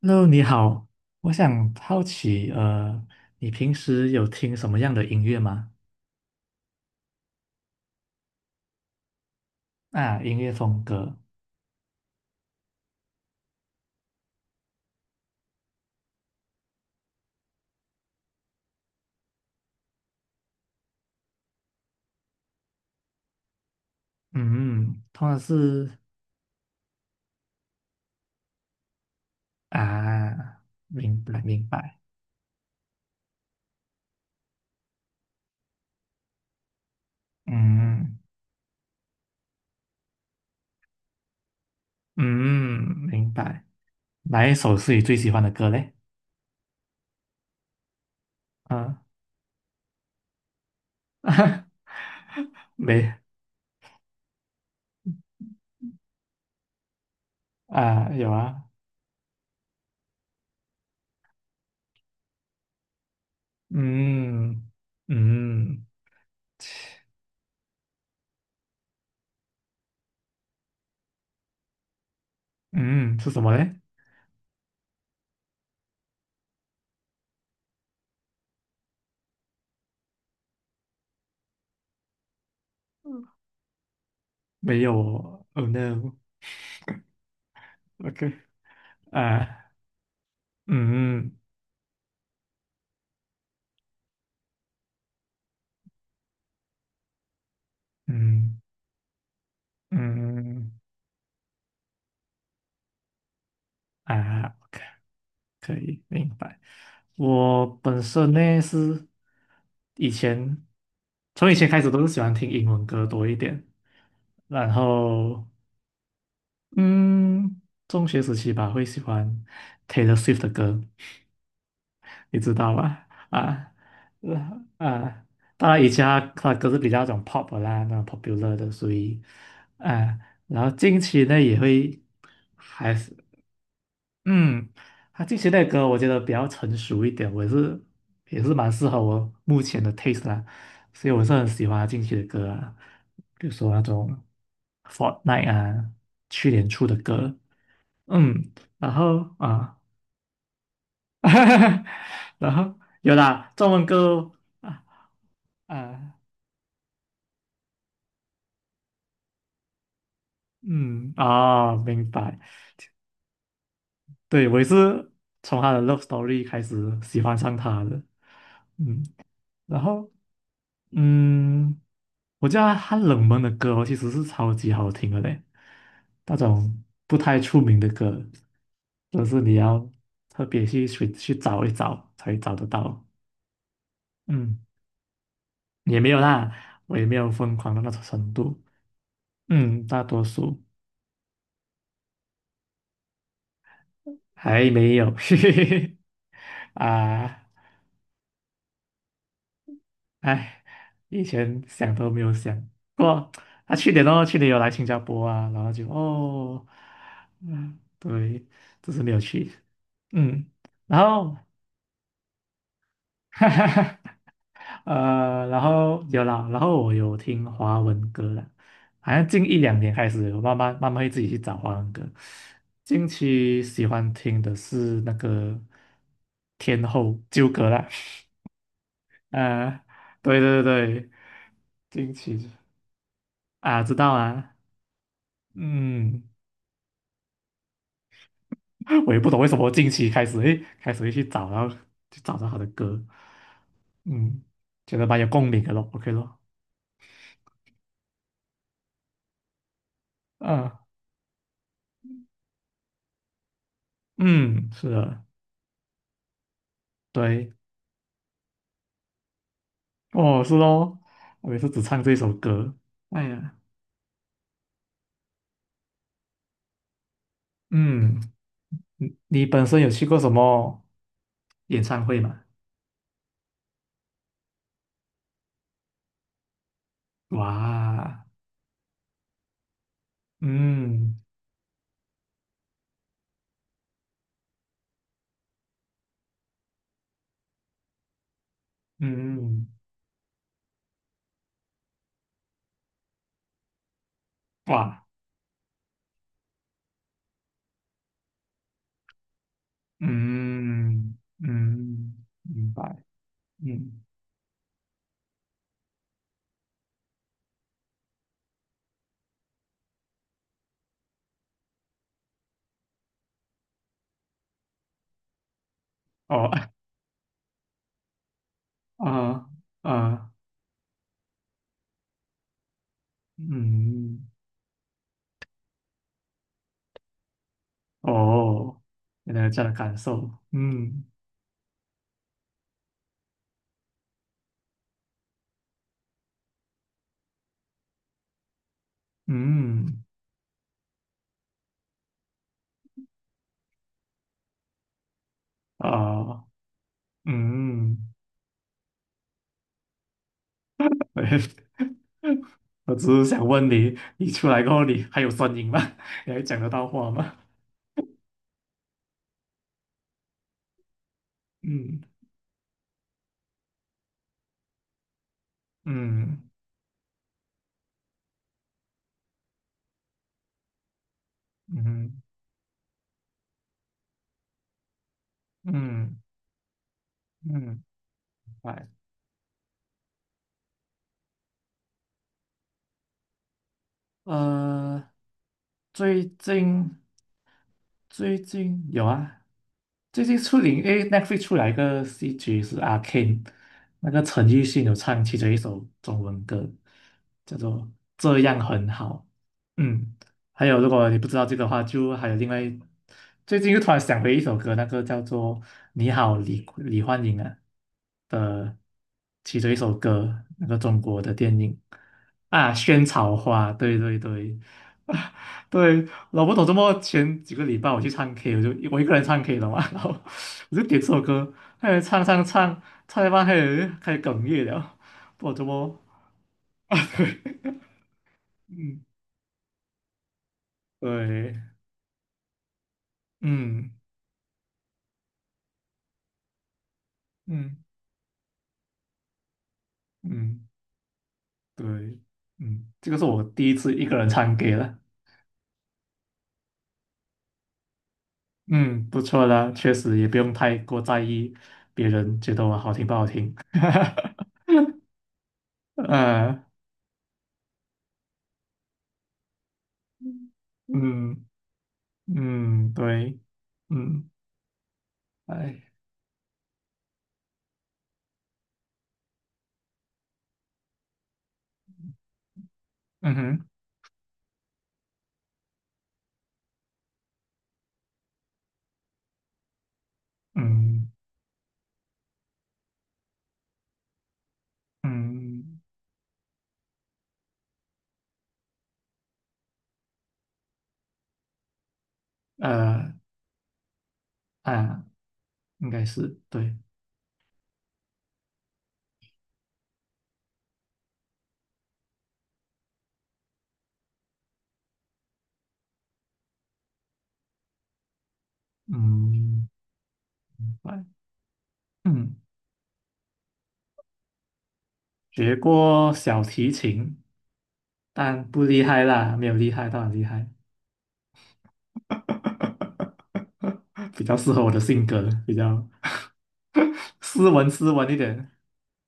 Hello，你好，我想好奇，你平时有听什么样的音乐吗？啊，音乐风格，嗯，通常是啊，明白明白，嗯嗯，明白。哪一首是你最喜欢的歌嘞？啊，没啊，有啊，嗯嗯嗯，是什么嘞？嗯没有哦，Oh no，OK，啊，嗯嗯嗯。嗯啊，OK，可以明白。我本身呢是以前从以前开始都是喜欢听英文歌多一点，然后嗯，中学时期吧会喜欢 Taylor Swift 的歌，你知道吧？啊，呃啊，当然以前他的歌是比较那种 pop 的啦，那种 popular 的，所以啊，然后近期呢也会还是。嗯，他近期的歌我觉得比较成熟一点，我也是蛮适合我目前的 taste 啦，所以我是很喜欢他近期的歌啊，比如说那种 Fortnite 啊，去年出的歌，嗯，然后啊，然后有啦，中文歌啊啊，嗯哦，明白，对我也是从他的 Love Story 开始喜欢上他的，嗯，然后。嗯，我觉得他冷门的歌哦其实是超级好听的嘞，那种不太出名的歌，都是你要特别去找一找才找得到。嗯，也没有啦，我也没有疯狂到那种程度。嗯，大多数还没有，嘿嘿嘿。啊，哎，以前想都没有想过。他、啊去年哦，去年有来新加坡啊，然后就哦，嗯，对，只是没有去。嗯，然后 哈哈哈，然后有啦，然后我有听华文歌啦，好像近一两年开始，我慢慢慢慢会自己去找华文歌。近期喜欢听的是那个天后纠葛啦，啊、对对对，近期啊，知道啊，嗯，我也不懂为什么近期开始诶，开始会去找，然后就找到他的歌，嗯，觉得蛮有共鸣的咯，OK 咯，嗯、嗯，是的。对，哦，是哦，我也是只唱这首歌。哎呀，嗯，你本身有去过什么演唱会吗？哇，嗯嗯，哇，嗯嗯，明白，嗯，哦 啊啊，嗯，哦，原来有这样的感受，嗯嗯，啊嗯。我也 我只是想问你，你出来过后你还有声音吗？你还讲得到话吗？嗯嗯嗯嗯嗯，嗯明白呃，最近最近有啊，最近出零，因为 NET 出来一个戏剧是《阿 KCNE 那个陈奕迅有唱其中一首中文歌，叫做《这样很好》。嗯，还有如果你不知道这个的话，就还有另外一最近又突然想回一首歌，那个叫做《你好，李焕英》啊的其中一首歌，那个中国的电影。啊，萱草花，对对对，啊对，老不懂怎么前几个礼拜我去唱 K，我一个人唱 K 了嘛，然后我就点这首歌，开始唱唱唱，唱一半开始哽咽了，不懂怎么 啊，对，嗯，对，嗯嗯嗯，对，嗯，这个是我第一次一个人唱 K 了，嗯，不错啦，确实也不用太过在意别人觉得我好听不好听，嗯嗯。嗯，对，嗯，哎，嗯哼，嗯嗯，呃啊，应该是对，嗯，哎嗯，学过小提琴，但不厉害啦，没有厉害到很厉害，比较适合我的性格，比较斯文斯文一点。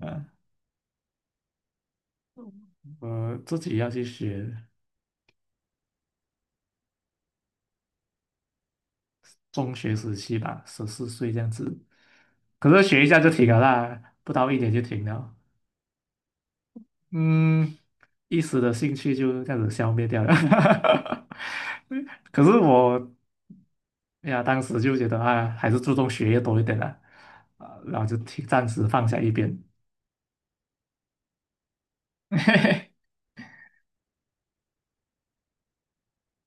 啊，我自己要去学，中学时期吧，14岁这样子，可是学一下就停了啦，不到一年就停了。嗯，一时的兴趣就这样子消灭掉了。可是我哎呀，当时就觉得啊，还是注重学业多一点啦，啊，然后就停暂时放下一边。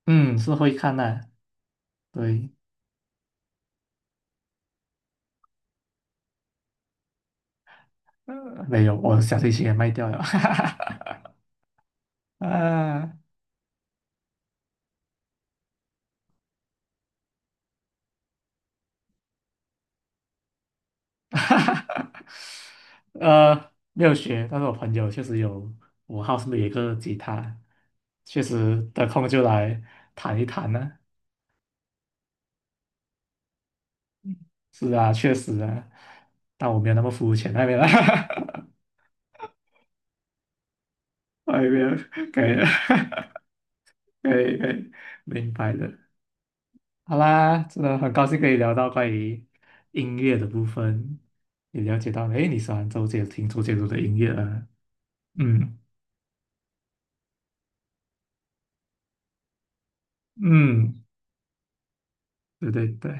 嗯，是会看的，对，呃没有，我小提琴也卖掉了，啊，没有学，但是我朋友确实有，我号，是不是有一个吉他，确实得空就来弹一弹呢、是啊，确实啊，但我没有那么肤浅那边了，外面可以了，可以可以，明白的。好啦，真的很高兴可以聊到关于音乐的部分，也了解到，诶，你喜欢听周杰伦的音乐啊？嗯嗯，对对对，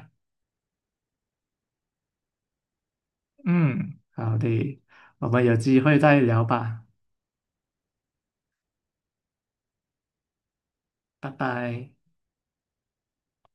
嗯，好的，我们有机会再聊吧，拜拜。